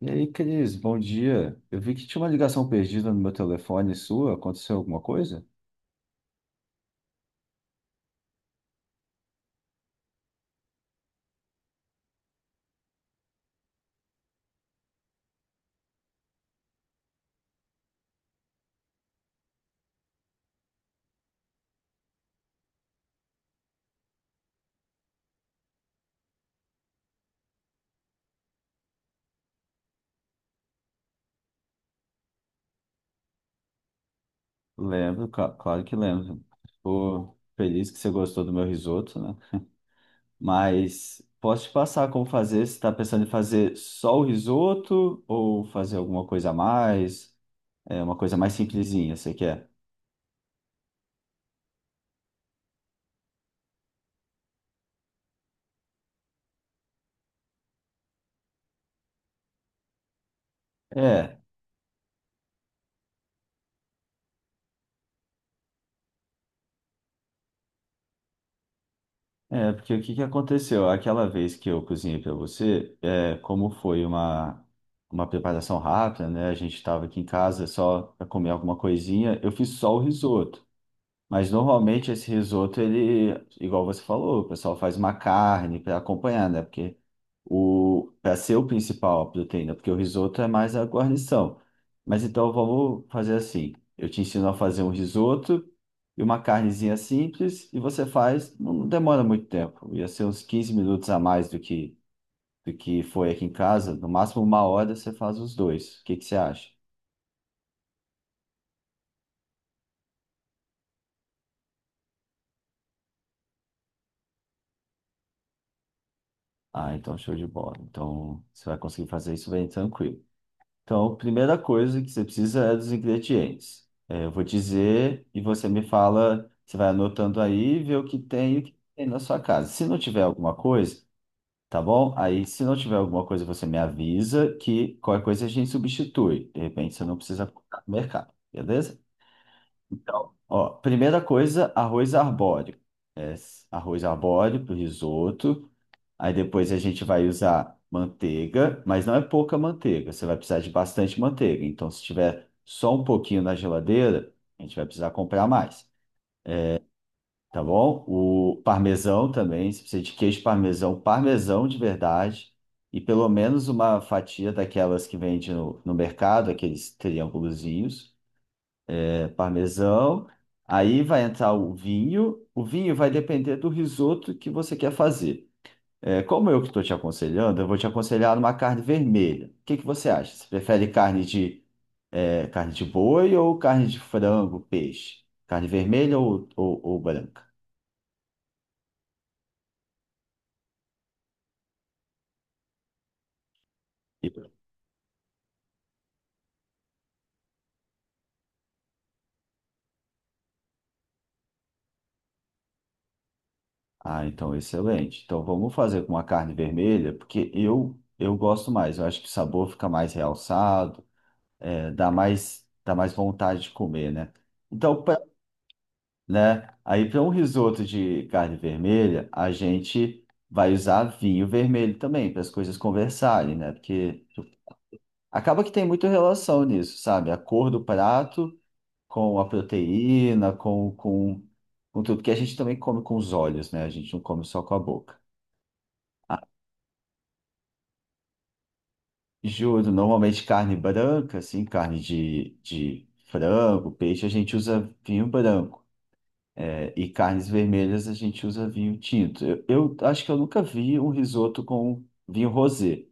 E aí, Cris, bom dia. Eu vi que tinha uma ligação perdida no meu telefone sua. Aconteceu alguma coisa? Lembro, claro que lembro. Tô feliz que você gostou do meu risoto, né? Mas posso te passar como fazer? Você está pensando em fazer só o risoto ou fazer alguma coisa a mais? É uma coisa mais simplesinha, você quer? É. Porque o que que aconteceu? Aquela vez que eu cozinhei para você, como foi uma preparação rápida, né? A gente estava aqui em casa só para comer alguma coisinha, eu fiz só o risoto. Mas normalmente esse risoto, ele, igual você falou, o pessoal faz uma carne para acompanhar, né? Porque o para ser o principal a proteína, porque o risoto é mais a guarnição. Mas então vamos fazer assim. Eu te ensino a fazer um risoto e uma carnezinha simples e você faz, não demora muito tempo. Ia ser uns 15 minutos a mais do que foi aqui em casa, no máximo uma hora você faz os dois. O que que você acha? Ah, então show de bola. Então você vai conseguir fazer isso bem tranquilo. Então, a primeira coisa que você precisa é dos ingredientes. É, eu vou dizer e você me fala, você vai anotando aí e vê o que tem e o que tem na sua casa. Se não tiver alguma coisa, tá bom? Aí, se não tiver alguma coisa, você me avisa que qualquer coisa a gente substitui. De repente, você não precisa comprar no mercado, beleza? Então, ó, primeira coisa, arroz arbóreo. É, arroz arbóreo para risoto. Aí depois a gente vai usar manteiga, mas não é pouca manteiga, você vai precisar de bastante manteiga. Então, se tiver só um pouquinho na geladeira, a gente vai precisar comprar mais, tá bom? O parmesão também, você precisa de queijo parmesão, parmesão de verdade, e pelo menos uma fatia daquelas que vende no mercado, aqueles triângulozinhos, é, parmesão. Aí vai entrar o vinho vai depender do risoto que você quer fazer. É, como eu que estou te aconselhando, eu vou te aconselhar uma carne vermelha. O que que você acha? Você prefere carne de, é, carne de boi ou carne de frango, peixe? Carne vermelha ou branca? E- Ah, então excelente. Então vamos fazer com uma carne vermelha, porque eu gosto mais. Eu acho que o sabor fica mais realçado, é, dá mais vontade de comer, né? Então né? Aí para um risoto de carne vermelha, a gente vai usar vinho vermelho também, para as coisas conversarem, né? Porque tipo, acaba que tem muita relação nisso, sabe? A cor do prato com a proteína, com tudo, que a gente também come com os olhos, né? A gente não come só com a boca. Juro, normalmente carne branca, assim, carne de frango, peixe, a gente usa vinho branco. É, e carnes vermelhas a gente usa vinho tinto. Eu acho que eu nunca vi um risoto com vinho rosé,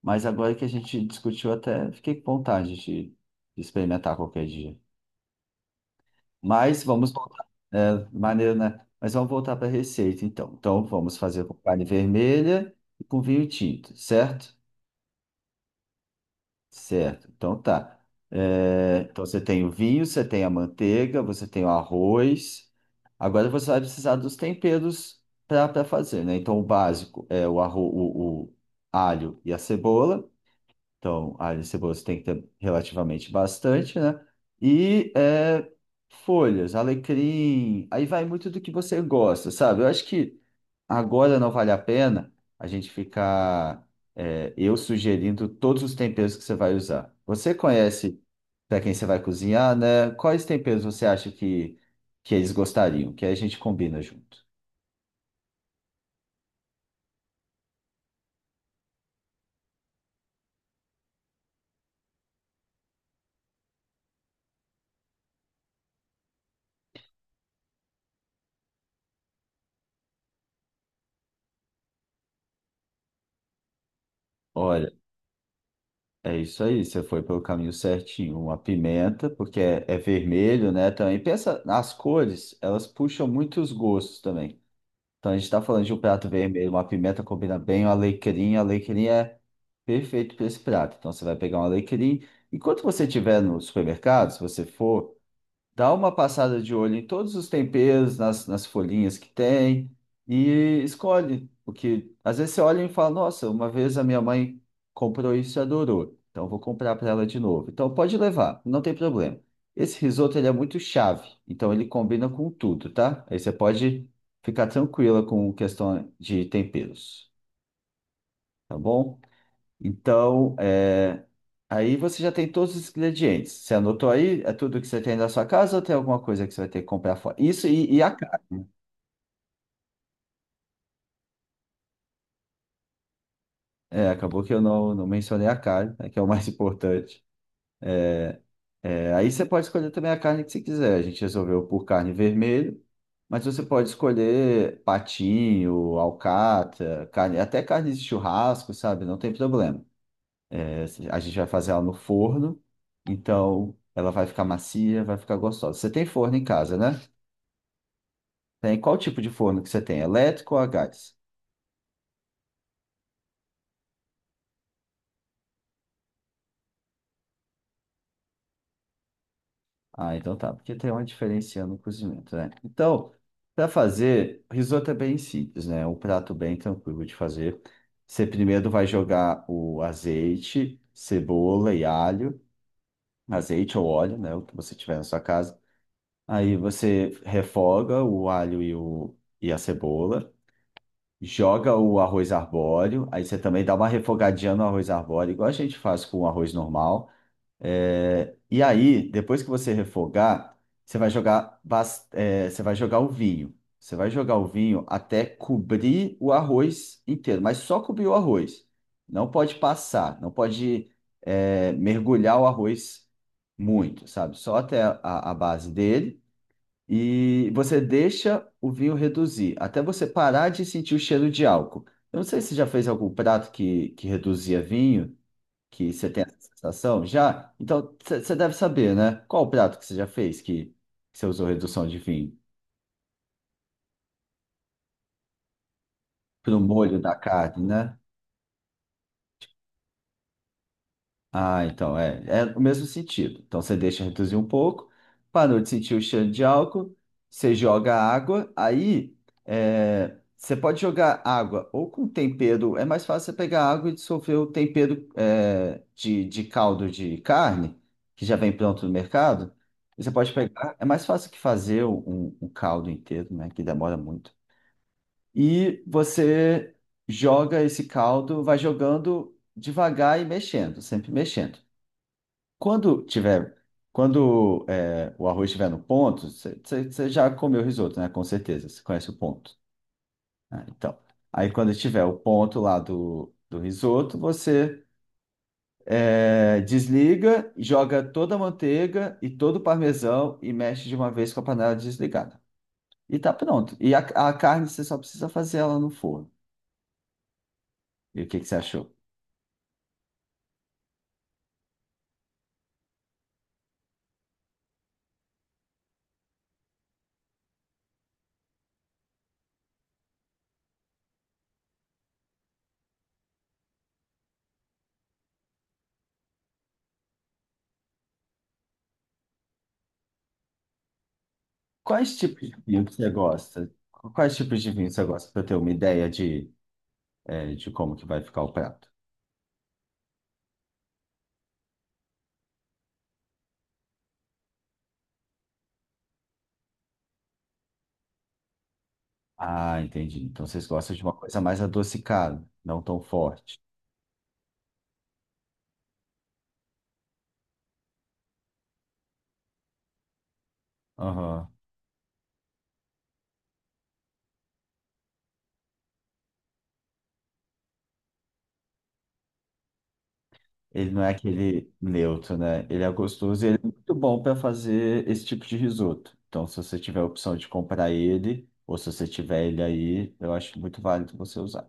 mas agora que a gente discutiu até fiquei com vontade de experimentar qualquer dia. Mas vamos voltar, é, maneiro, né? Mas vamos voltar para a receita então. Então vamos fazer com carne vermelha e com vinho tinto, certo? Certo, então tá. É, então você tem o vinho, você tem a manteiga, você tem o arroz. Agora você vai precisar dos temperos para fazer, né? Então o básico é o alho e a cebola. Então, alho e cebola você tem que ter relativamente bastante, né? E é, folhas, alecrim. Aí vai muito do que você gosta, sabe? Eu acho que agora não vale a pena a gente ficar eu sugerindo todos os temperos que você vai usar. Você conhece para quem você vai cozinhar, né? Quais temperos você acha que eles gostariam? Que aí a gente combina junto. Olha, é isso aí, você foi pelo caminho certinho. Uma pimenta, porque é, é vermelho, né? Também pensa, as cores, elas puxam muitos gostos também. Então, a gente está falando de um prato vermelho, uma pimenta combina bem, um alecrim. Alecrim é perfeito para esse prato. Então, você vai pegar um alecrim enquanto você estiver no supermercado. Se você for, dá uma passada de olho em todos os temperos, nas folhinhas que tem e escolhe. O que às vezes você olha e fala: "Nossa, uma vez a minha mãe comprou isso e adorou, então eu vou comprar para ela de novo." Então pode levar, não tem problema. Esse risoto ele é muito chave, então ele combina com tudo, tá? Aí você pode ficar tranquila com questão de temperos, tá bom? Então, é, aí você já tem todos os ingredientes. Você anotou aí? É tudo que você tem na sua casa ou tem alguma coisa que você vai ter que comprar fora? Isso e a carne. É, acabou que eu não mencionei a carne, né, que é o mais importante. É, aí você pode escolher também a carne que você quiser. A gente resolveu por carne vermelha, mas você pode escolher patinho, alcatra, carne, até carne de churrasco, sabe? Não tem problema. É, a gente vai fazer ela no forno, então ela vai ficar macia, vai ficar gostosa. Você tem forno em casa, né? Tem qual tipo de forno que você tem? Elétrico ou a gás? Ah, então tá, porque tem uma diferença no cozimento, né? Então, para fazer, risoto é bem simples, né? É um prato bem tranquilo de fazer. Você primeiro vai jogar o azeite, cebola e alho, azeite ou óleo, né? O que você tiver na sua casa. Aí você refoga o alho e a cebola, joga o arroz arbóreo, aí você também dá uma refogadinha no arroz arbóreo, igual a gente faz com o arroz normal. É, e aí, depois que você refogar, você vai jogar, você vai jogar o vinho. Você vai jogar o vinho até cobrir o arroz inteiro, mas só cobrir o arroz. Não pode passar, não pode, é, mergulhar o arroz muito, sabe? Só até a base dele. E você deixa o vinho reduzir, até você parar de sentir o cheiro de álcool. Eu não sei se você já fez algum prato que reduzia vinho que você tem essa sensação? Já? Então, você deve saber, né? Qual o prato que você já fez que você usou redução de vinho? Pro molho da carne, né? Ah, então é o mesmo sentido. Então você deixa reduzir um pouco, parou de sentir o cheiro de álcool, você joga água, aí é, você pode jogar água ou com tempero, é mais fácil você pegar água e dissolver o tempero é, de caldo de carne, que já vem pronto no mercado. Você pode pegar, é mais fácil que fazer um, um caldo inteiro, né, que demora muito. E você joga esse caldo, vai jogando devagar e mexendo, sempre mexendo. Quando tiver, quando é, o arroz estiver no ponto, você já comeu risoto, né? Com certeza, você conhece o ponto. Ah, então, aí quando tiver o ponto lá do risoto, você é, desliga, joga toda a manteiga e todo o parmesão e mexe de uma vez com a panela desligada. E tá pronto. E a carne você só precisa fazer ela no forno. E o que que você achou? Quais tipos de vinho que você gosta? Quais tipos de vinho você gosta para ter uma ideia de, é, de como que vai ficar o prato? Ah, entendi. Então vocês gostam de uma coisa mais adocicada, não tão forte. Aham. Ele não é aquele neutro, né? Ele é gostoso e ele é muito bom para fazer esse tipo de risoto. Então, se você tiver a opção de comprar ele, ou se você tiver ele aí, eu acho muito válido você usar.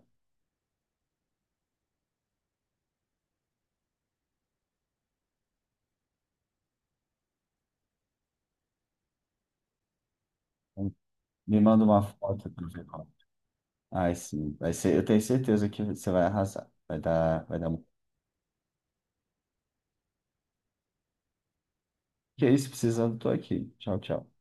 Me manda uma foto para ver. Ai, sim. Vai ser, eu tenho certeza que você vai arrasar. Vai dar muito. Que é isso, precisando, tô aqui. Tchau, tchau.